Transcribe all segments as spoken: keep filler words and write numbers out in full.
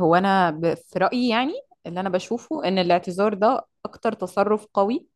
هو انا ب- في رايي، يعني اللي انا بشوفه ان الاعتذار ده اكتر تصرف قوي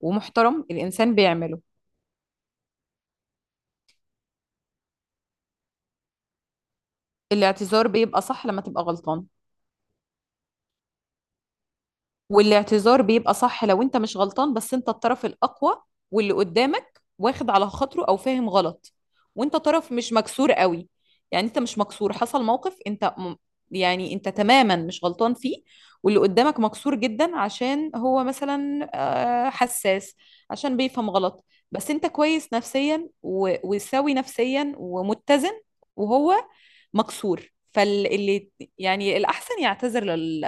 ومحترم الانسان بيعمله. الاعتذار بيبقى صح لما تبقى غلطان، والاعتذار بيبقى صح لو انت مش غلطان بس انت الطرف الأقوى، واللي قدامك واخد على خاطره أو فاهم غلط وانت طرف مش مكسور قوي. يعني انت مش مكسور، حصل موقف انت م... يعني انت تماما مش غلطان فيه، واللي قدامك مكسور جدا عشان هو مثلا آه، حساس، عشان بيفهم غلط، بس انت كويس نفسيا و... وسوي نفسيا ومتزن، وهو مكسور فاللي يعني الأحسن يعتذر لل...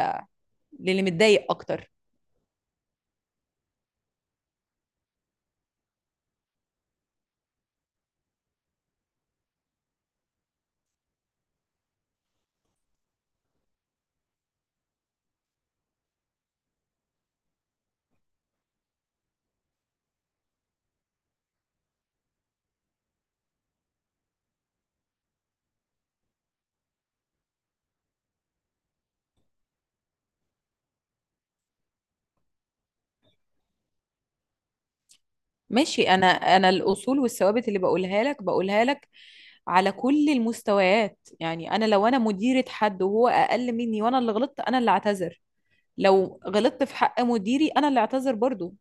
للي متضايق أكتر. ماشي، انا انا الاصول والثوابت اللي بقولها لك بقولها لك على كل المستويات، يعني انا لو انا مديرة حد وهو اقل مني وانا اللي غلطت، انا اللي اعتذر. لو غلطت في حق مديري انا اللي اعتذر برضو.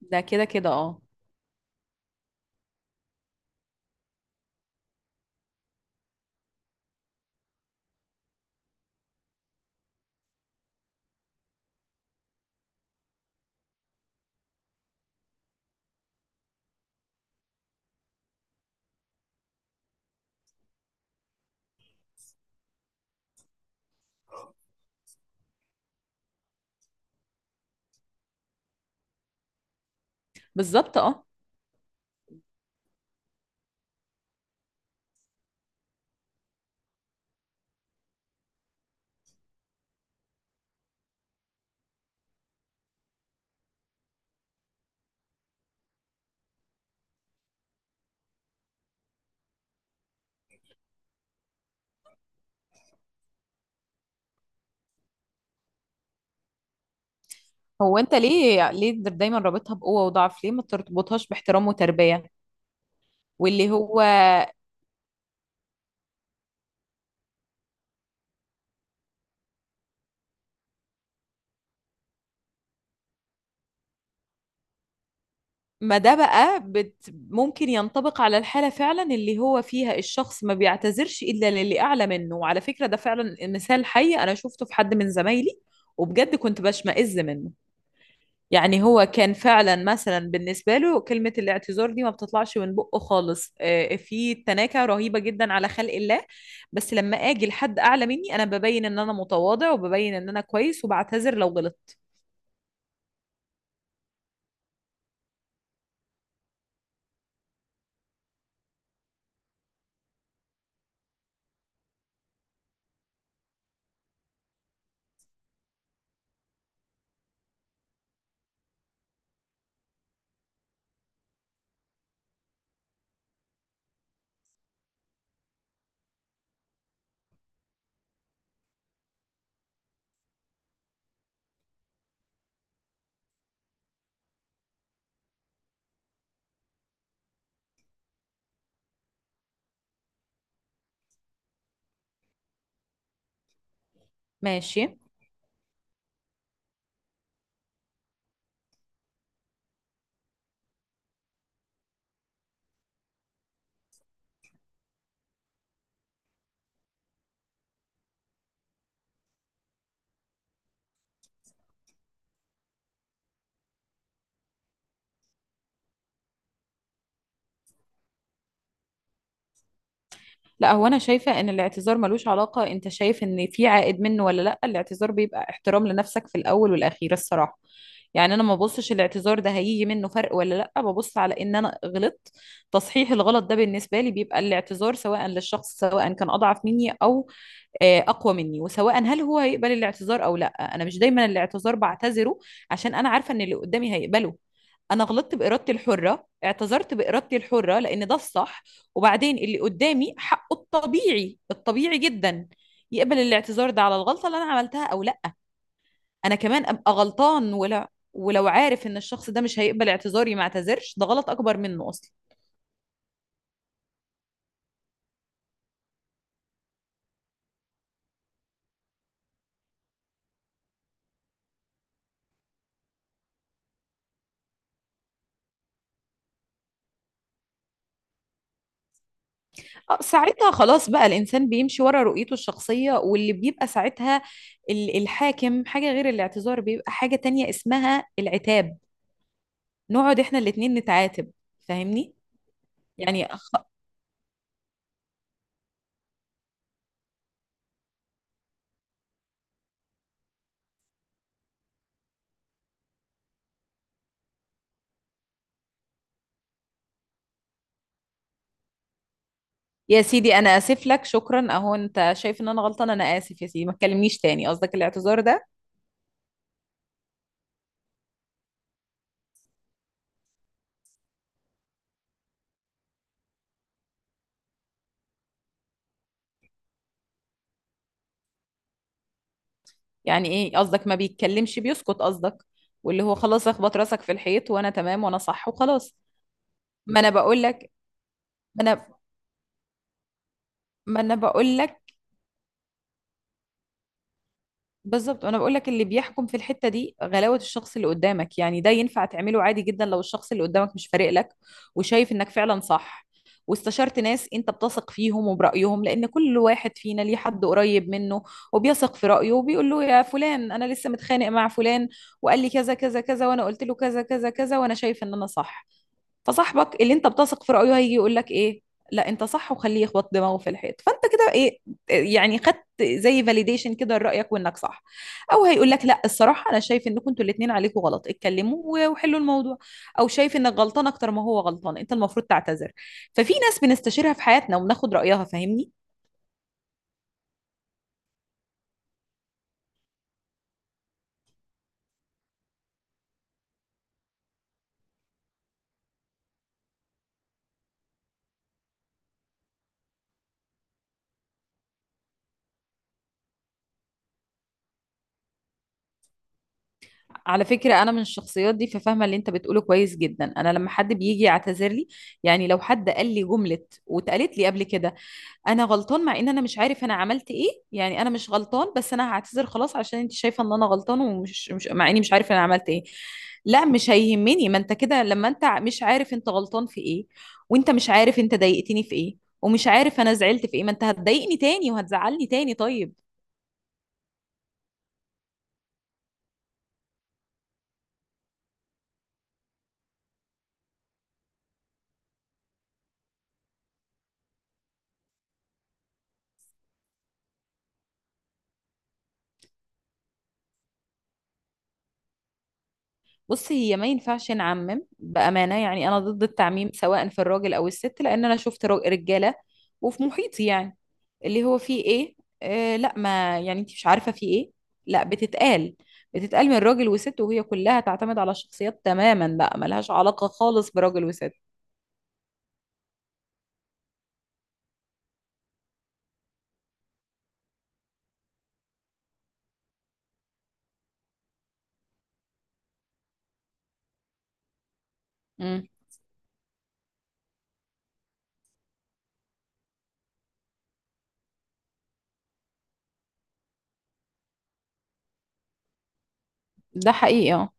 ده كده كده اه. بالظبط اه. هو انت ليه ليه دايما رابطها بقوة وضعف؟ ليه ما ترتبطهاش باحترام وتربية؟ واللي هو ما ده بقى بت ممكن ينطبق على الحالة فعلا اللي هو فيها الشخص ما بيعتذرش إلا للي أعلى منه. وعلى فكرة ده فعلا مثال حي، أنا شفته في حد من زمايلي، وبجد كنت بشمئز منه. يعني هو كان فعلا مثلا بالنسبة له كلمة الاعتذار دي ما بتطلعش من بقه خالص، آه، في تناكة رهيبة جدا على خلق الله. بس لما أجي لحد أعلى مني أنا ببين إن أنا متواضع وببين إن أنا كويس وبعتذر لو غلطت. ماشي. لا، هو انا شايفه ان الاعتذار ملوش علاقه انت شايف ان في عائد منه ولا لا. الاعتذار بيبقى احترام لنفسك في الاول والاخير الصراحه. يعني انا ما ببصش الاعتذار ده هيجي منه فرق ولا لا، ببص على ان انا غلطت. تصحيح الغلط ده بالنسبه لي بيبقى الاعتذار، سواء للشخص سواء كان اضعف مني او آه، اقوى مني، وسواء هل هو هيقبل الاعتذار او لا. انا مش دايما الاعتذار بعتذره عشان انا عارفه ان اللي قدامي هيقبله. انا غلطت بارادتي الحره، اعتذرت بارادتي الحره لان ده الصح. وبعدين اللي قدامي حقه الطبيعي الطبيعي جدا يقبل الاعتذار ده على الغلطه اللي انا عملتها او لا. انا كمان ابقى غلطان ولا ولو عارف ان الشخص ده مش هيقبل اعتذاري ما اعتذرش، ده غلط اكبر منه اصلا. آه، ساعتها خلاص بقى الإنسان بيمشي ورا رؤيته الشخصية، واللي بيبقى ساعتها ال- الحاكم حاجة غير الاعتذار، بيبقى حاجة تانية اسمها العتاب. نقعد احنا الاتنين نتعاتب. فاهمني؟ يعني أخ... يا سيدي أنا آسف لك، شكرا، أهو أنت شايف إن أنا غلطان، أنا آسف يا سيدي ما تكلمنيش تاني، قصدك الاعتذار ده؟ يعني إيه قصدك، ما بيتكلمش بيسكت قصدك؟ واللي هو خلاص اخبط راسك في الحيط وأنا تمام وأنا صح وخلاص. ما أنا بقول لك ما أنا ما أنا بقول لك بالظبط. انا بقول لك اللي بيحكم في الحته دي غلاوه الشخص اللي قدامك، يعني ده ينفع تعمله عادي جدا لو الشخص اللي قدامك مش فارق لك وشايف انك فعلا صح، واستشرت ناس انت بتثق فيهم وبرايهم، لان كل واحد فينا ليه حد قريب منه وبيثق في رايه، وبيقول له يا فلان انا لسه متخانق مع فلان، وقال لي كذا كذا كذا وانا قلت له كذا كذا كذا وانا شايف ان انا صح. فصاحبك اللي انت بتثق في رأيه هيجي يقول لك ايه، لا انت صح وخليه يخبط دماغه في الحيط، فانت كده ايه، يعني خدت زي فاليديشن كده لرأيك وانك صح. او هيقول لك لا الصراحة انا شايف انكم انتوا الاتنين عليكم غلط، اتكلموا و- وحلوا الموضوع، او شايف انك غلطان اكتر ما هو غلطان، انت المفروض تعتذر. ففي ناس بنستشيرها في حياتنا وبناخد رأيها، فاهمني؟ على فكرة أنا من الشخصيات دي ففاهمة اللي أنت بتقوله كويس جدا. أنا لما حد بيجي يعتذر لي، يعني لو حد قال لي جملة واتقالت لي قبل كده، انا غلطان مع ان انا مش عارف انا عملت ايه، يعني انا مش غلطان بس انا هعتذر خلاص عشان انت شايفه ان انا غلطان، ومش مش مع اني مش عارف انا عملت ايه. لا مش هيهمني، ما انت كده لما انت مش عارف انت غلطان في ايه وانت مش عارف انت ضايقتني في ايه ومش عارف انا زعلت في ايه، ما انت هتضايقني تاني وهتزعلني تاني طيب. بص، هي ما ينفعش نعمم بامانه، يعني انا ضد التعميم سواء في الراجل او الست، لان انا شفت را- رجاله وفي محيطي، يعني اللي هو فيه ايه، آه لا ما يعني انت مش عارفة فيه ايه، لا بتتقال، بتتقال من راجل وست، وهي كلها تعتمد على الشخصيات تماما بقى، ملهاش علاقة خالص براجل وست. مم. ده حقيقي اه.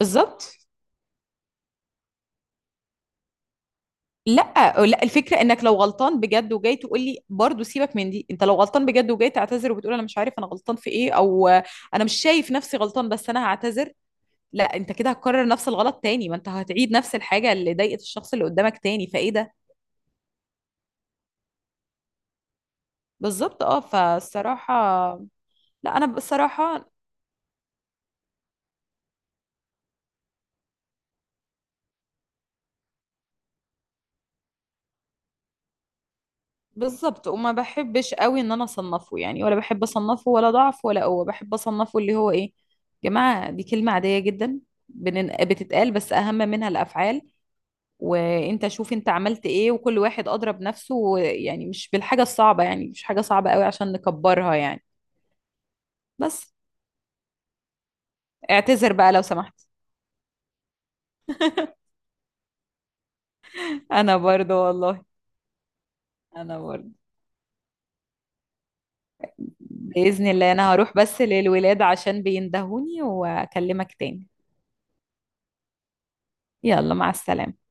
بالظبط. لا، لا الفكرة انك لو غلطان بجد وجاي تقول لي برضه سيبك من دي، انت لو غلطان بجد وجاي تعتذر وبتقول انا مش عارف انا غلطان في ايه، او انا مش شايف نفسي غلطان بس انا هعتذر، لا انت كده هتكرر نفس الغلط تاني، ما انت هتعيد نفس الحاجة اللي ضايقت الشخص اللي قدامك تاني، فايه ده؟ بالظبط اه، فالصراحة. لا انا بصراحة بالظبط، وما بحبش قوي ان انا اصنفه، يعني ولا بحب اصنفه ولا ضعف ولا قوة، بحب اصنفه اللي هو ايه، جماعة دي كلمة عادية جدا بنن- بتتقال، بس اهم منها الافعال. وانت شوف انت عملت ايه وكل واحد اضرب نفسه، يعني مش بالحاجة الصعبة، يعني مش حاجة صعبة قوي عشان نكبرها يعني. بس اعتذر بقى لو سمحت. انا برضو والله. انا برضو. بإذن الله انا هروح بس للولاد عشان بيندهوني واكلمك تاني. يلا مع السلامة.